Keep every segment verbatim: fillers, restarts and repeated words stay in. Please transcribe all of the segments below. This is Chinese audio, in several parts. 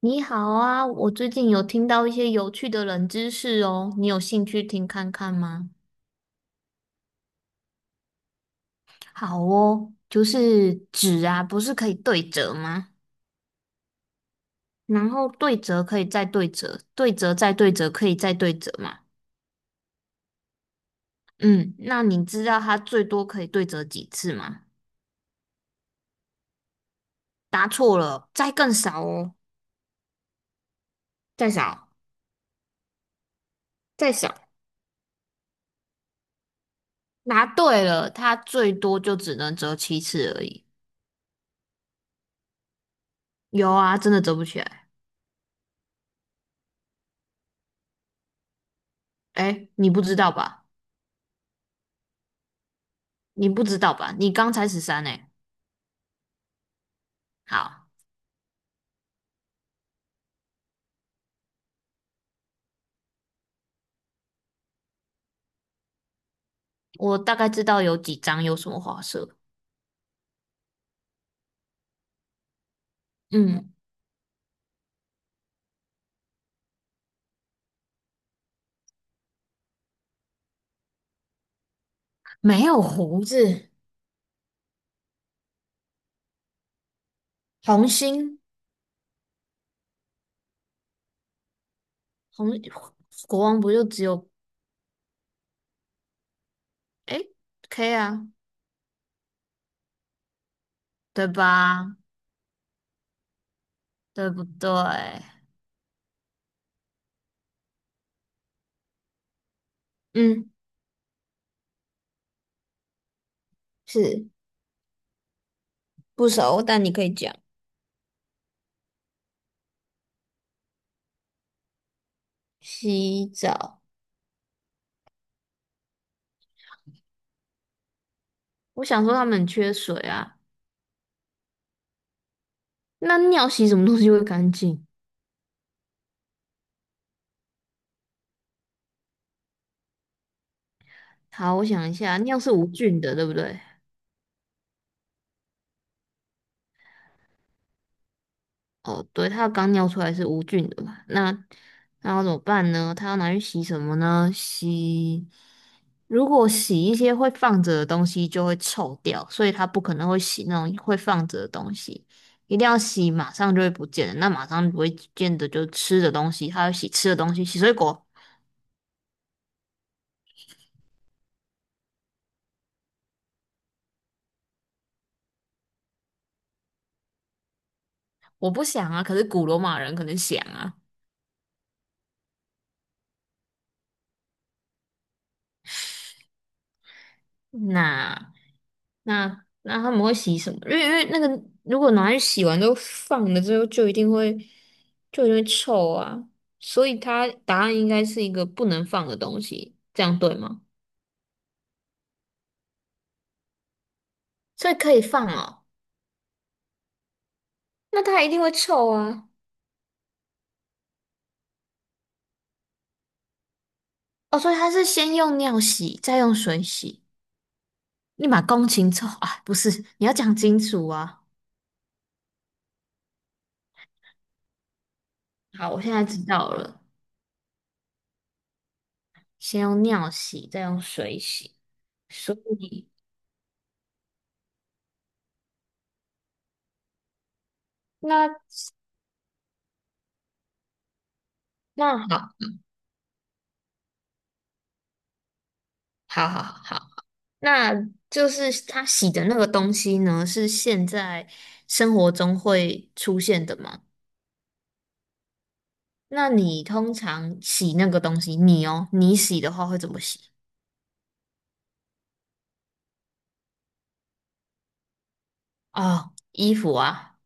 你好啊，我最近有听到一些有趣的冷知识哦，你有兴趣听看看吗？好哦，就是纸啊，不是可以对折吗？然后对折可以再对折，对折再对折可以再对折嘛？嗯，那你知道它最多可以对折几次吗？答错了，再更少哦，再少，再少。答对了，它最多就只能折七次而已。有啊，真的折不起来。哎，你不知道吧？你不知道吧？你刚才十三哎，好，我大概知道有几张有什么花色。嗯，没有胡子，红心，红国王不就只有哎 K 啊，对吧？对不对？嗯，是不熟，但你可以讲。洗澡，我想说他们很缺水啊，那尿洗什么东西会干净？好，我想一下，尿是无菌的，对不对？哦，对，他刚尿出来是无菌的嘛？那那要怎么办呢？他要拿去洗什么呢？洗，如果洗一些会放着的东西就会臭掉，所以他不可能会洗那种会放着的东西，一定要洗马上就会不见的。那马上不会见的就是吃的东西，他要洗吃的东西，洗水果。我不想啊，可是古罗马人可能想啊。那。那那他们会洗什么？因为因为那个如果拿去洗完之后放了之后，就一定会就一定会臭啊。所以它答案应该是一个不能放的东西，这样对吗？所以可以放哦，那它一定会臭啊。哦，所以它是先用尿洗，再用水洗，立马工勤臭啊？不是，你要讲清楚啊。好，我现在知道了，先用尿洗，再用水洗。所以那那好，好好好。那就是他洗的那个东西呢，是现在生活中会出现的吗？那你通常洗那个东西，你哦，你洗的话会怎么洗？哦，衣服啊，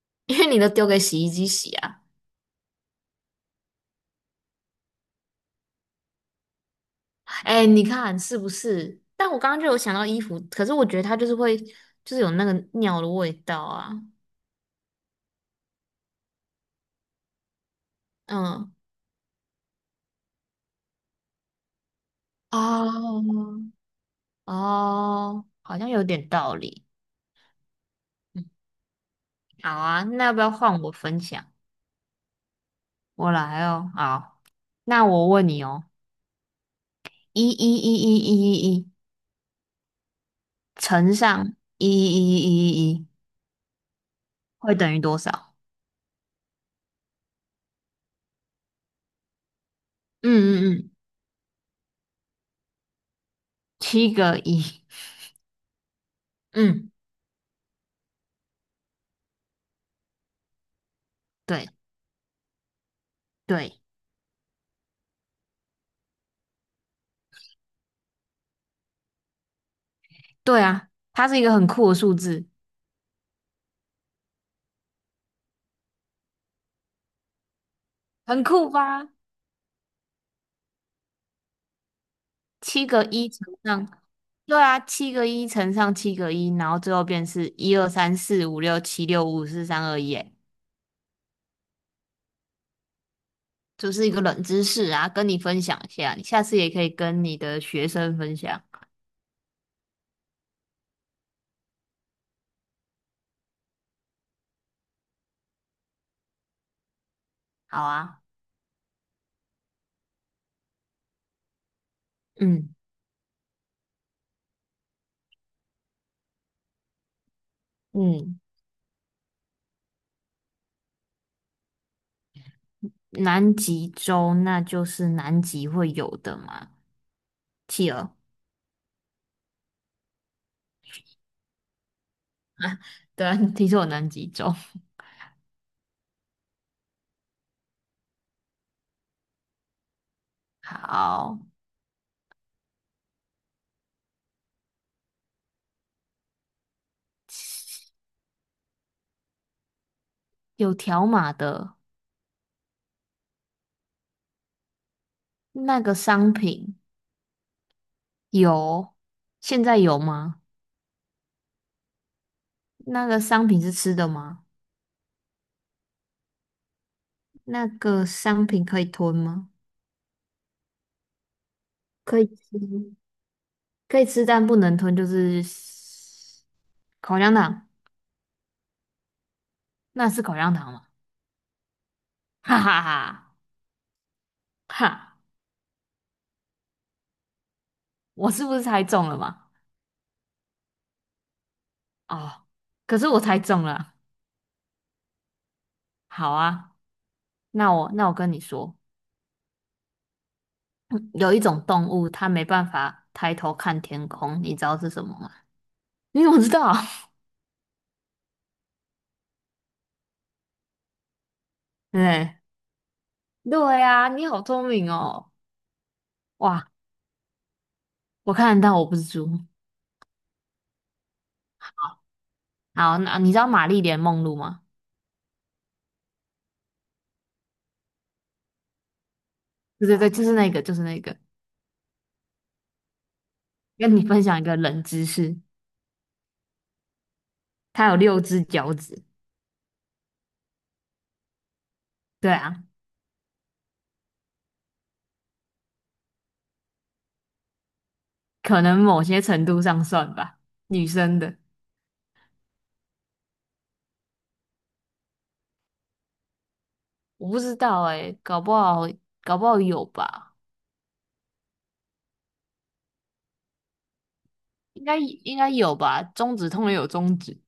因为你都丢给洗衣机洗啊。哎，你看是不是？但我刚刚就有想到衣服，可是我觉得它就是会，就是有那个尿的味道啊。嗯，哦哦，好像有点道理。嗯，好啊，那要不要换我分享？我来哦，好，那我问你哦，一一一一一一一乘上一一一一一一会等于多少？嗯嗯嗯，七个一，嗯，对对对啊，它是一个很酷的数字，很酷吧？七个一乘上，对啊，七个一乘上七个一，然后最后变是一二三四五六七六五四三二一，哎，就是一个冷知识啊，跟你分享一下，你下次也可以跟你的学生分享，好啊。嗯。嗯，南极洲那就是南极会有的嘛，企鹅。对啊，听说有南极洲。好，有条码的那个商品有，现在有吗？那个商品是吃的吗？那个商品可以吞吗？可以吃，可以吃，但不能吞，就是口香糖。那是口香糖吗？哈哈哈哈！我是不是猜中了嘛？哦，可是我猜中了。好啊。那我那我跟你说，嗯有一种动物它没办法抬头看天空，你知道是什么吗？你怎么知道？对对呀、你好聪明哦！哇，我看得到，我不是猪。好，那你知道玛丽莲梦露吗？对对对，就是那个，就是那个。跟你分享一个冷知识，它有六只脚趾。对啊，可能某些程度上算吧，女生的。我不知道哎、搞不好搞不好有吧，应该应该有吧。中指通常有中指。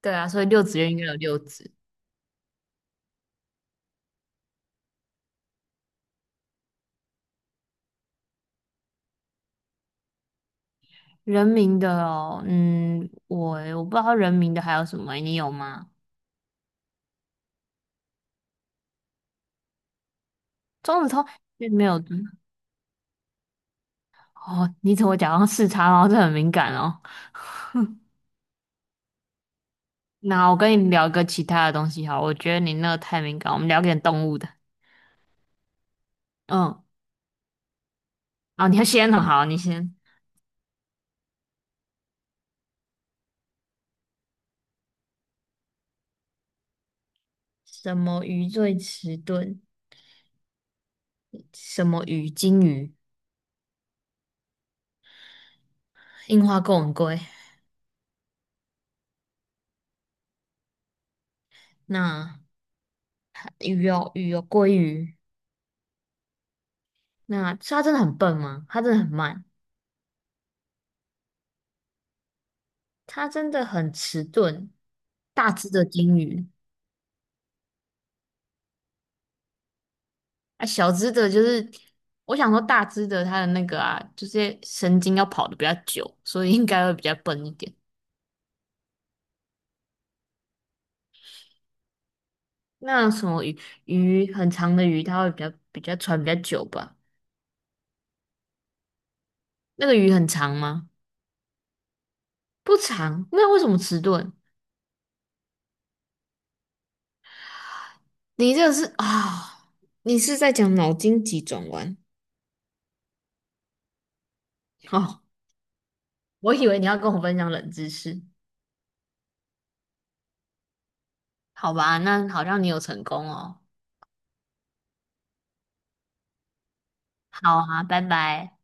对啊，所以六子院应该有六子。人民的哦，嗯，我我不知道人民的还有什么欸你有吗？钟子通并没有哦，你怎么假装视察，然后这很敏感哦。那我跟你聊个其他的东西好，我觉得你那个太敏感，我们聊点动物的。嗯，啊，你要先哦，好，你先。什么鱼最迟钝？什么鱼？金鱼、樱花钩吻龟。那鱼有鱼有鲑鱼。那是它真的很笨吗？它真的很慢。它真的很迟钝，大只的鲸鱼啊，小只的就是，我想说大只的它的那个啊，就是神经要跑得比较久，所以应该会比较笨一点。那什么鱼鱼很长的鱼，它会比较比较传比较久吧？那个鱼很长吗？不长，那为什么迟钝？你这个是啊、你是在讲脑筋急转弯哦？我以为你要跟我分享冷知识，好吧？那好像你有成功哦。好啊，拜拜。